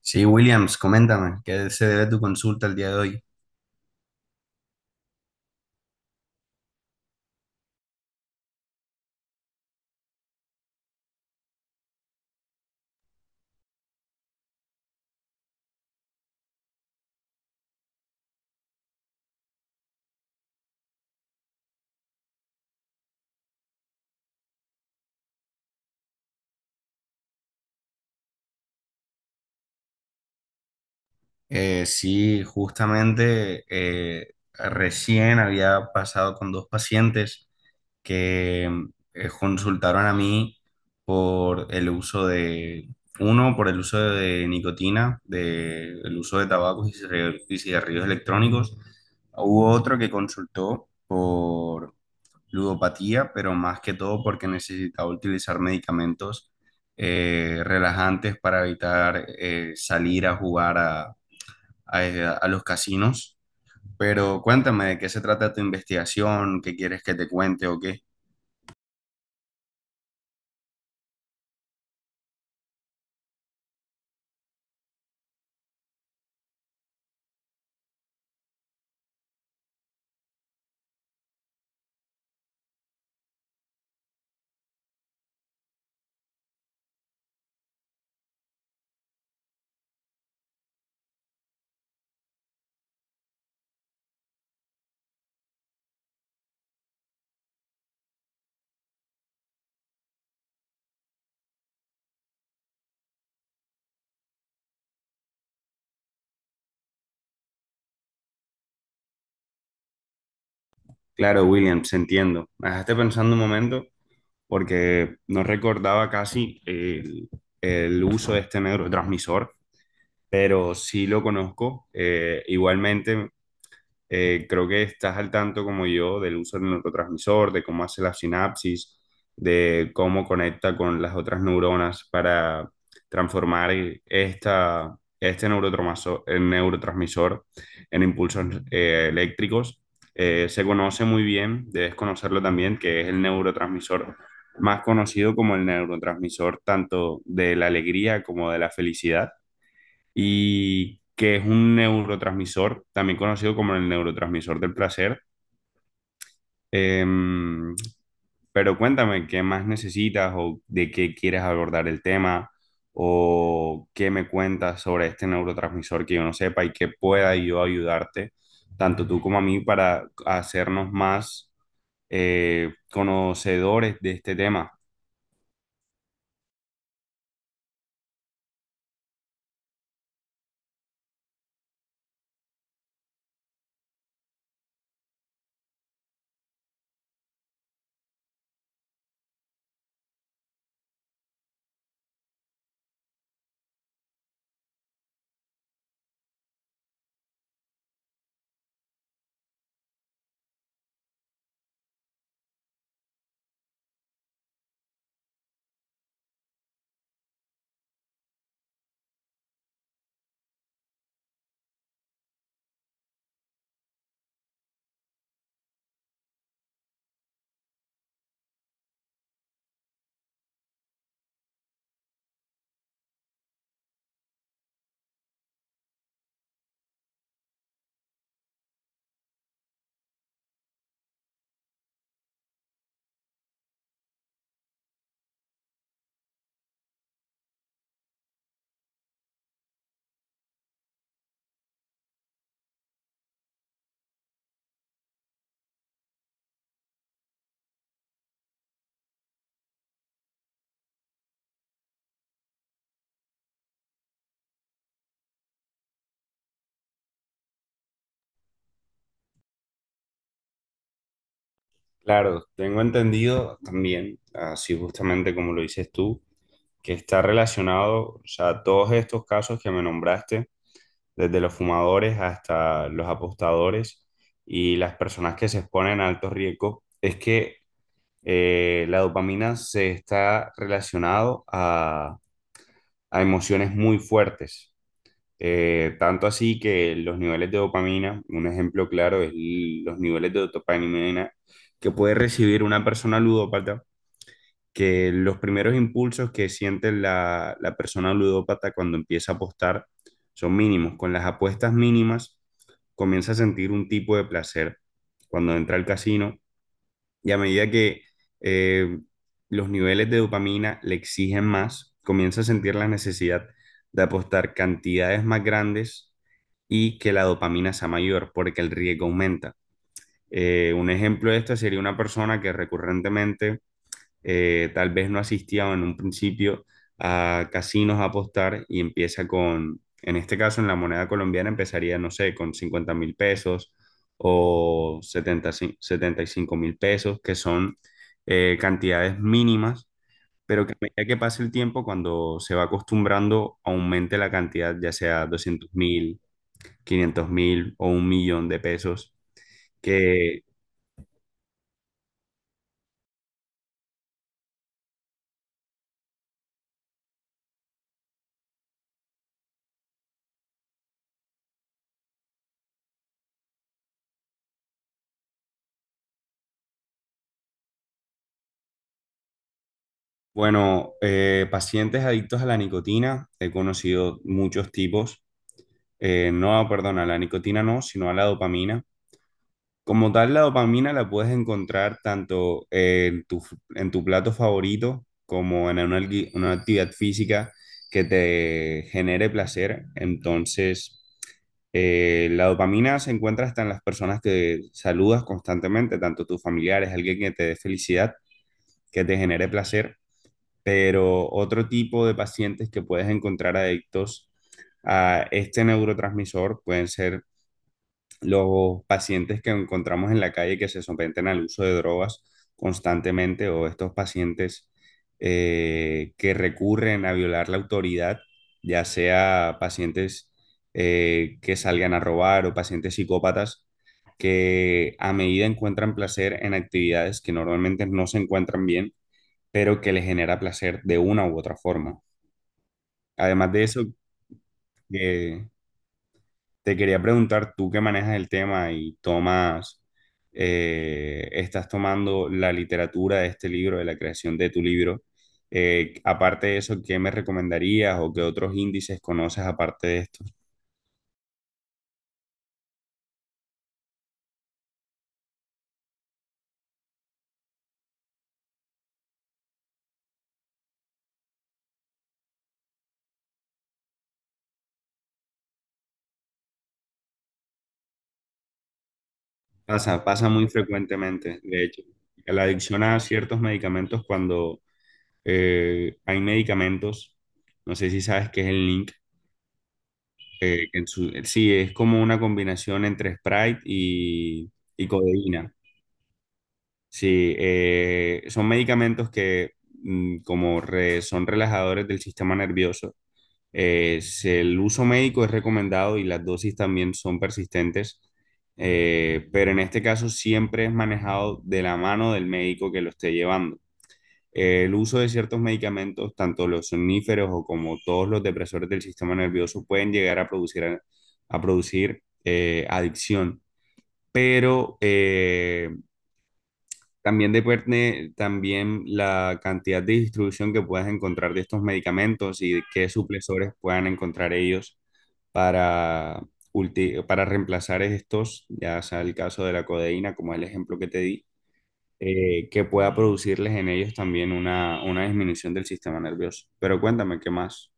Sí, Williams, coméntame, ¿qué se debe tu consulta el día de hoy? Sí, justamente recién había pasado con dos pacientes que consultaron a mí por el uso de, uno, por el uso de nicotina, el uso de tabacos y cigarrillos electrónicos. Hubo otro que consultó por ludopatía, pero más que todo porque necesitaba utilizar medicamentos relajantes para evitar salir a jugar a los casinos. Pero cuéntame de qué se trata tu investigación, qué quieres que te cuente o qué. Claro, Williams, entiendo. Me dejaste pensando un momento porque no recordaba casi el uso de este neurotransmisor, pero sí lo conozco. Igualmente. Creo que estás al tanto como yo del uso del neurotransmisor, de cómo hace la sinapsis, de cómo conecta con las otras neuronas para transformar este neurotransmisor, el neurotransmisor en impulsos eléctricos. Se conoce muy bien, debes conocerlo también, que es el neurotransmisor más conocido como el neurotransmisor tanto de la alegría como de la felicidad y que es un neurotransmisor, también conocido como el neurotransmisor del placer. Em, pero cuéntame, ¿qué más necesitas o de qué quieres abordar el tema o qué me cuentas sobre este neurotransmisor que yo no sepa y que pueda yo ayudarte, tanto tú como a mí, para hacernos más conocedores de este tema? Claro, tengo entendido también, así justamente como lo dices tú, que está relacionado, o sea, todos estos casos que me nombraste, desde los fumadores hasta los apostadores y las personas que se exponen a altos riesgos, es que la dopamina se está relacionado a emociones muy fuertes. Tanto así que los niveles de dopamina, un ejemplo claro es los niveles de dopamina que puede recibir una persona ludópata, que los primeros impulsos que siente la persona ludópata cuando empieza a apostar son mínimos. Con las apuestas mínimas comienza a sentir un tipo de placer cuando entra al casino y a medida que eh, los niveles de dopamina le exigen más, comienza a sentir la necesidad de apostar cantidades más grandes y que la dopamina sea mayor porque el riesgo aumenta. Un ejemplo de esto sería una persona que recurrentemente tal vez no asistía en un principio a casinos a apostar y empieza en este caso en la moneda colombiana empezaría, no sé, con 50.000 pesos o 75.000 pesos, que son cantidades mínimas, pero que a medida que pase el tiempo, cuando se va acostumbrando, aumente la cantidad, ya sea 200.000, 500.000 o 1.000.000 de pesos. que Bueno, pacientes adictos a la nicotina, he conocido muchos tipos. No, perdón, a la nicotina no, sino a la dopamina. Como tal, la dopamina la puedes encontrar tanto en tu plato favorito como en una actividad física que te genere placer. Entonces, la dopamina se encuentra hasta en las personas que saludas constantemente, tanto tus familiares, alguien que te dé felicidad, que te genere placer, pero otro tipo de pacientes que puedes encontrar adictos a este neurotransmisor pueden ser los pacientes que encontramos en la calle que se someten al uso de drogas constantemente, o estos pacientes que recurren a violar la autoridad, ya sea pacientes que salgan a robar o pacientes psicópatas que a medida encuentran placer en actividades que normalmente no se encuentran bien, pero que le genera placer de una u otra forma. Además de eso, eh, te quería preguntar, tú que manejas el tema y estás tomando la literatura de este libro, de la creación de tu libro, aparte de eso, ¿qué me recomendarías o qué otros índices conoces aparte de estos? Pasa, pasa muy frecuentemente, de hecho, la adicción a ciertos medicamentos cuando hay medicamentos, no sé si sabes qué es el NINC. Sí, es como una combinación entre Sprite y codeína. Sí, son medicamentos que son relajadores del sistema nervioso. El uso médico es recomendado y las dosis también son persistentes, pero en este caso siempre es manejado de la mano del médico que lo esté llevando. El uso de ciertos medicamentos, tanto los somníferos o como todos los depresores del sistema nervioso, pueden llegar a producir adicción, pero también depende también la cantidad de distribución que puedas encontrar de estos medicamentos y de qué suplesores puedan encontrar ellos para para reemplazar estos, ya sea el caso de la codeína, como el ejemplo que te di, que pueda producirles en ellos también una disminución del sistema nervioso. Pero cuéntame, ¿qué más?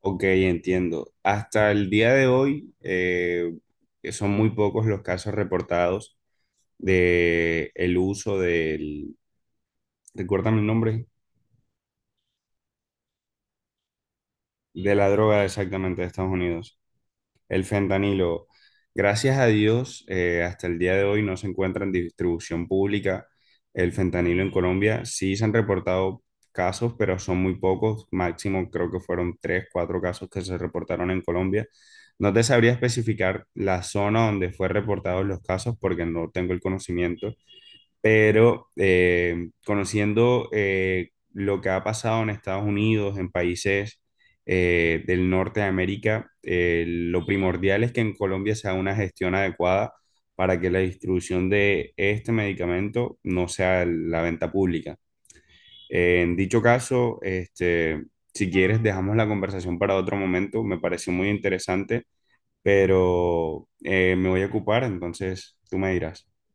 Ok, entiendo. Hasta el día de hoy, que son muy pocos los casos reportados de el uso recuérdame el nombre, de la droga exactamente de Estados Unidos. El fentanilo, gracias a Dios, hasta el día de hoy no se encuentra en distribución pública el fentanilo en Colombia. Sí se han reportado casos, pero son muy pocos. Máximo creo que fueron tres, cuatro casos que se reportaron en Colombia. No te sabría especificar la zona donde fue reportados los casos porque no tengo el conocimiento, pero conociendo lo que ha pasado en Estados Unidos, en países del norte de América, lo primordial es que en Colombia se haga una gestión adecuada para que la distribución de este medicamento no sea la venta pública. En dicho caso, este, si quieres, dejamos la conversación para otro momento. Me pareció muy interesante, pero me voy a ocupar, entonces tú me dirás.